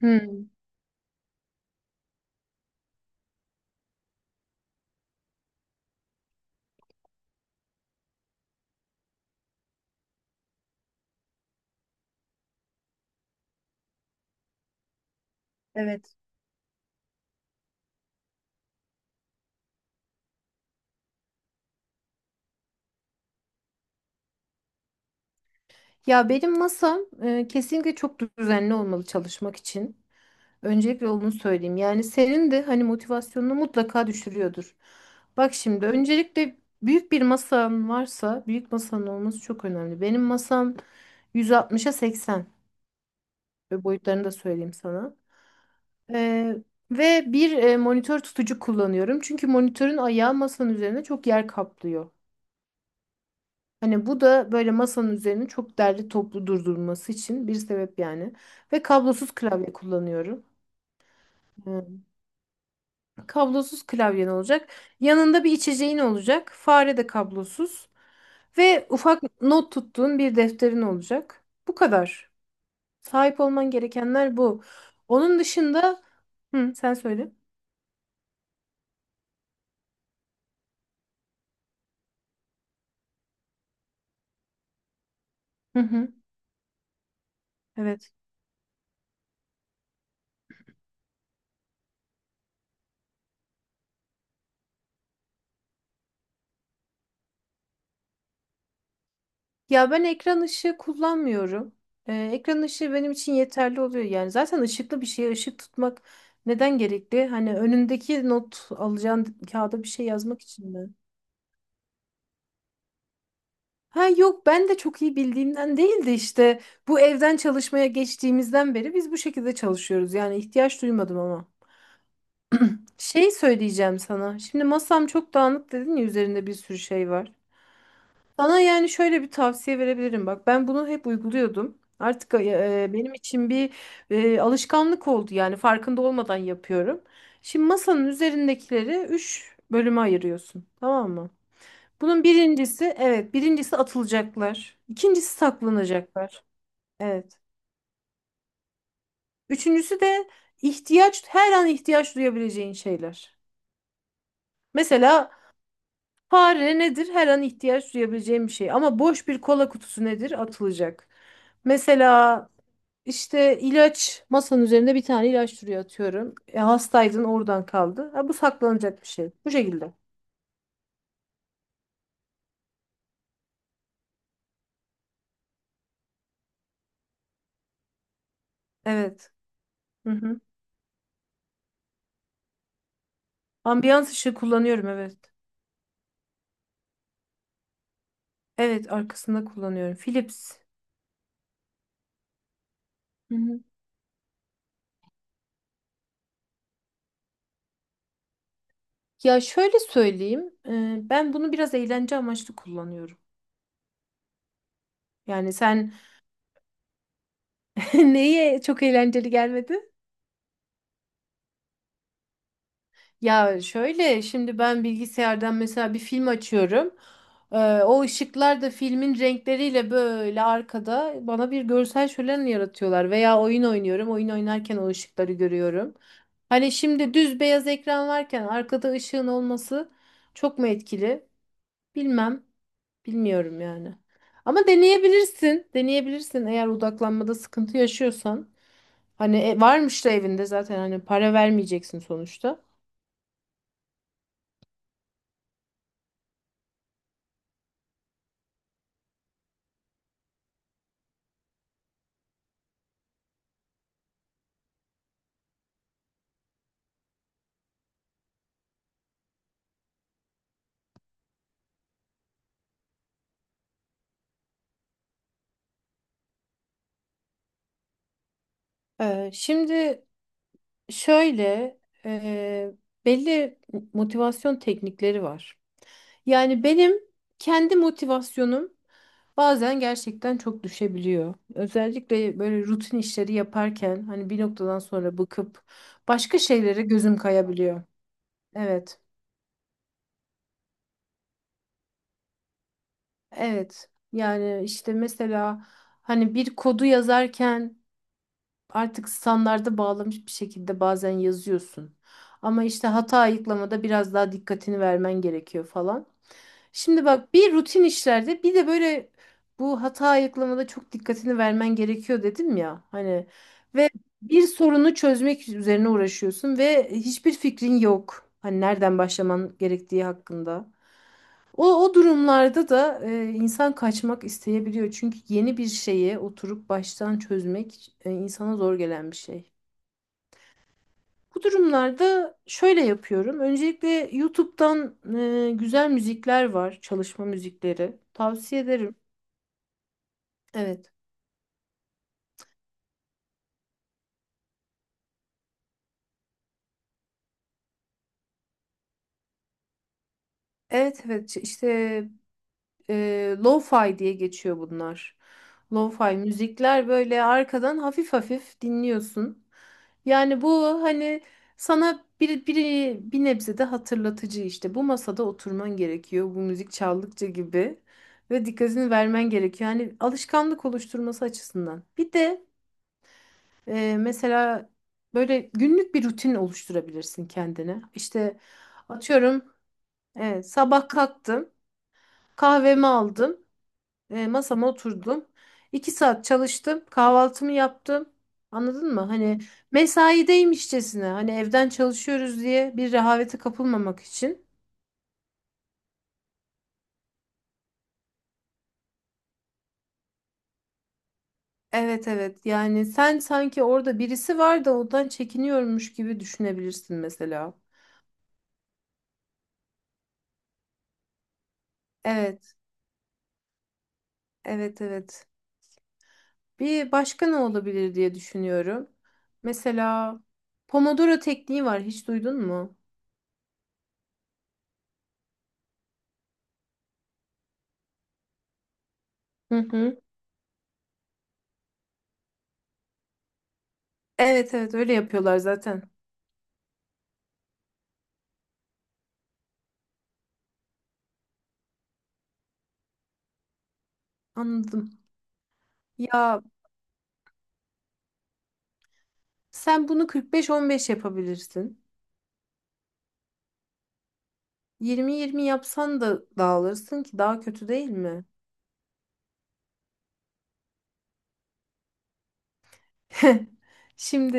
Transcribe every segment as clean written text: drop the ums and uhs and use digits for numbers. Hmm, evet. Ya benim masam kesinlikle çok düzenli olmalı çalışmak için. Öncelikle onu söyleyeyim. Yani senin de hani motivasyonunu mutlaka düşürüyordur. Bak şimdi öncelikle büyük bir masan varsa büyük masanın olması çok önemli. Benim masam 160'a 80 ve boyutlarını da söyleyeyim sana. E, Ve bir monitör tutucu kullanıyorum. Çünkü monitörün ayağı masanın üzerine çok yer kaplıyor. Hani bu da böyle masanın üzerine çok derli toplu durdurması için bir sebep yani. Ve kablosuz klavye kullanıyorum. Hmm. Kablosuz klavyen olacak. Yanında bir içeceğin olacak. Fare de kablosuz. Ve ufak not tuttuğun bir defterin olacak. Bu kadar. Sahip olman gerekenler bu. Onun dışında... Hı, sen söyle. Hı hı. Evet. Ya ben ekran ışığı kullanmıyorum. Ekran ışığı benim için yeterli oluyor. Yani zaten ışıklı bir şeye ışık tutmak neden gerekli? Hani önündeki not alacağın kağıda bir şey yazmak için mi? Ha yok, ben de çok iyi bildiğimden değil de işte bu evden çalışmaya geçtiğimizden beri biz bu şekilde çalışıyoruz. Yani ihtiyaç duymadım ama. Şey söyleyeceğim sana. Şimdi masam çok dağınık dedin ya, üzerinde bir sürü şey var. Sana yani şöyle bir tavsiye verebilirim. Bak ben bunu hep uyguluyordum. Artık benim için bir alışkanlık oldu, yani farkında olmadan yapıyorum. Şimdi masanın üzerindekileri 3 bölüme ayırıyorsun, tamam mı? Bunun birincisi, evet, birincisi atılacaklar. İkincisi saklanacaklar. Evet. Üçüncüsü de ihtiyaç, her an ihtiyaç duyabileceğin şeyler. Mesela fare nedir? Her an ihtiyaç duyabileceğin bir şey. Ama boş bir kola kutusu nedir? Atılacak. Mesela İşte ilaç, masanın üzerinde bir tane ilaç duruyor atıyorum. Hastaydın, oradan kaldı. Ha, bu saklanacak bir şey. Bu şekilde. Evet. Hı hı. Ambiyans ışığı kullanıyorum, evet. Evet, arkasında kullanıyorum. Philips. Hı hı. Ya şöyle söyleyeyim. Ben bunu biraz eğlence amaçlı kullanıyorum. Yani sen neye çok eğlenceli gelmedi? Ya şöyle, şimdi ben bilgisayardan mesela bir film açıyorum. Ee, O ışıklar da filmin renkleriyle böyle arkada bana bir görsel şölen yaratıyorlar. Veya oyun oynuyorum. Oyun oynarken o ışıkları görüyorum. Hani şimdi düz beyaz ekran varken arkada ışığın olması çok mu etkili? Bilmem. Bilmiyorum yani. Ama deneyebilirsin. Deneyebilirsin eğer odaklanmada sıkıntı yaşıyorsan. Hani varmış da evinde zaten, hani para vermeyeceksin sonuçta. Şimdi şöyle, e, belli motivasyon teknikleri var. Yani benim kendi motivasyonum bazen gerçekten çok düşebiliyor. Özellikle böyle rutin işleri yaparken hani bir noktadan sonra bıkıp başka şeylere gözüm kayabiliyor. Evet, evet. Yani işte mesela hani bir kodu yazarken artık standarda bağlamış bir şekilde bazen yazıyorsun. Ama işte hata ayıklamada biraz daha dikkatini vermen gerekiyor falan. Şimdi bak, bir rutin işlerde, bir de böyle bu hata ayıklamada çok dikkatini vermen gerekiyor dedim ya. Hani ve bir sorunu çözmek üzerine uğraşıyorsun ve hiçbir fikrin yok. Hani nereden başlaman gerektiği hakkında. O durumlarda da insan kaçmak isteyebiliyor. Çünkü yeni bir şeye oturup baştan çözmek insana zor gelen bir şey. Bu durumlarda şöyle yapıyorum. Öncelikle YouTube'dan güzel müzikler var, çalışma müzikleri. Tavsiye ederim. Evet. Evet, evet, işte lo-fi diye geçiyor bunlar. Lo-fi müzikler, böyle arkadan hafif hafif dinliyorsun. Yani bu hani sana bir, bir, bir nebze de hatırlatıcı işte. Bu masada oturman gerekiyor bu müzik çaldıkça gibi. Ve dikkatini vermen gerekiyor. Yani alışkanlık oluşturması açısından. Bir de mesela böyle günlük bir rutin oluşturabilirsin kendine. İşte atıyorum, evet, sabah kalktım, kahvemi aldım, masama oturdum. İki saat çalıştım. Kahvaltımı yaptım. Anladın mı? Hani mesaideymişçesine, hani evden çalışıyoruz diye bir rehavete kapılmamak için. Evet, evet, yani sen sanki orada birisi var da ondan çekiniyormuş gibi düşünebilirsin mesela. Evet, evet, evet. Bir başka ne olabilir diye düşünüyorum. Mesela Pomodoro tekniği var, hiç duydun mu? Hı hı. Evet, evet, öyle yapıyorlar zaten. Anladım. Ya, sen bunu 45-15 yapabilirsin. 20-20 yapsan da dağılırsın ki, daha kötü değil mi? Şimdi,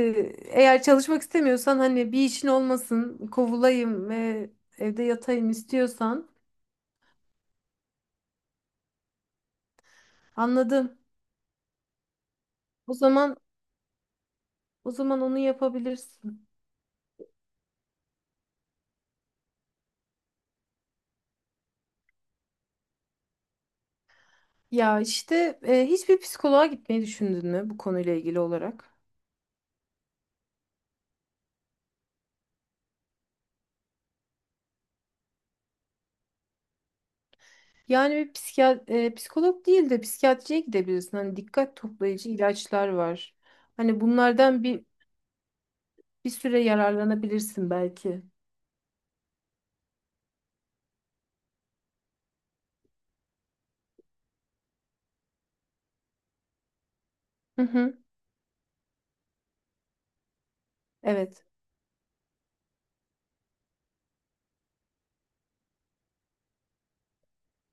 eğer çalışmak istemiyorsan, hani bir işin olmasın, kovulayım ve evde yatayım istiyorsan, anladım. O zaman, o zaman onu yapabilirsin. Ya işte hiçbir psikoloğa gitmeyi düşündün mü bu konuyla ilgili olarak? Yani bir psikolog değil de psikiyatriye gidebilirsin. Hani dikkat toplayıcı ilaçlar var. Hani bunlardan bir, bir süre yararlanabilirsin belki. Hı hı. Evet,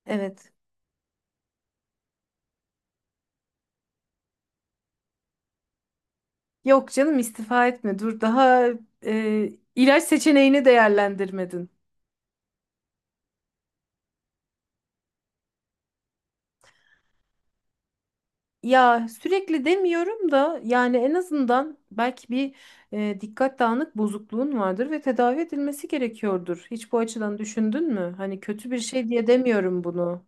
evet. Yok canım, istifa etme. Dur daha e, ilaç seçeneğini değerlendirmedin. Ya sürekli demiyorum da, yani en azından belki bir dikkat dağınık bozukluğun vardır ve tedavi edilmesi gerekiyordur. Hiç bu açıdan düşündün mü? Hani kötü bir şey diye demiyorum bunu.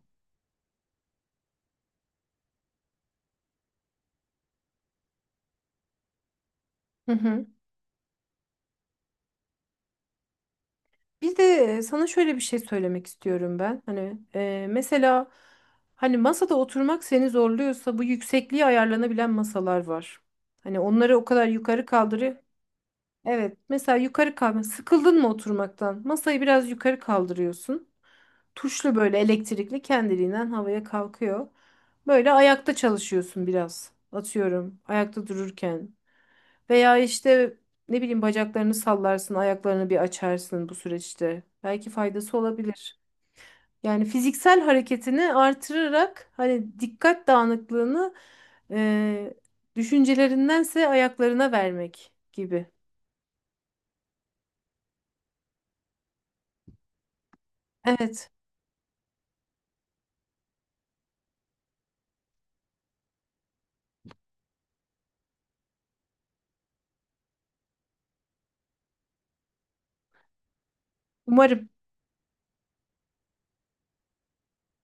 Bir de sana şöyle bir şey söylemek istiyorum ben. Hani mesela hani masada oturmak seni zorluyorsa, bu yüksekliği ayarlanabilen masalar var. Hani onları o kadar yukarı kaldırı. Evet, mesela yukarı kalma. Sıkıldın mı oturmaktan? Masayı biraz yukarı kaldırıyorsun. Tuşlu böyle elektrikli kendiliğinden havaya kalkıyor. Böyle ayakta çalışıyorsun biraz. Atıyorum, ayakta dururken. Veya işte, ne bileyim, bacaklarını sallarsın, ayaklarını bir açarsın bu süreçte. Belki faydası olabilir. Yani fiziksel hareketini artırarak, hani dikkat dağınıklığını e, düşüncelerindense ayaklarına vermek gibi. Evet, umarım.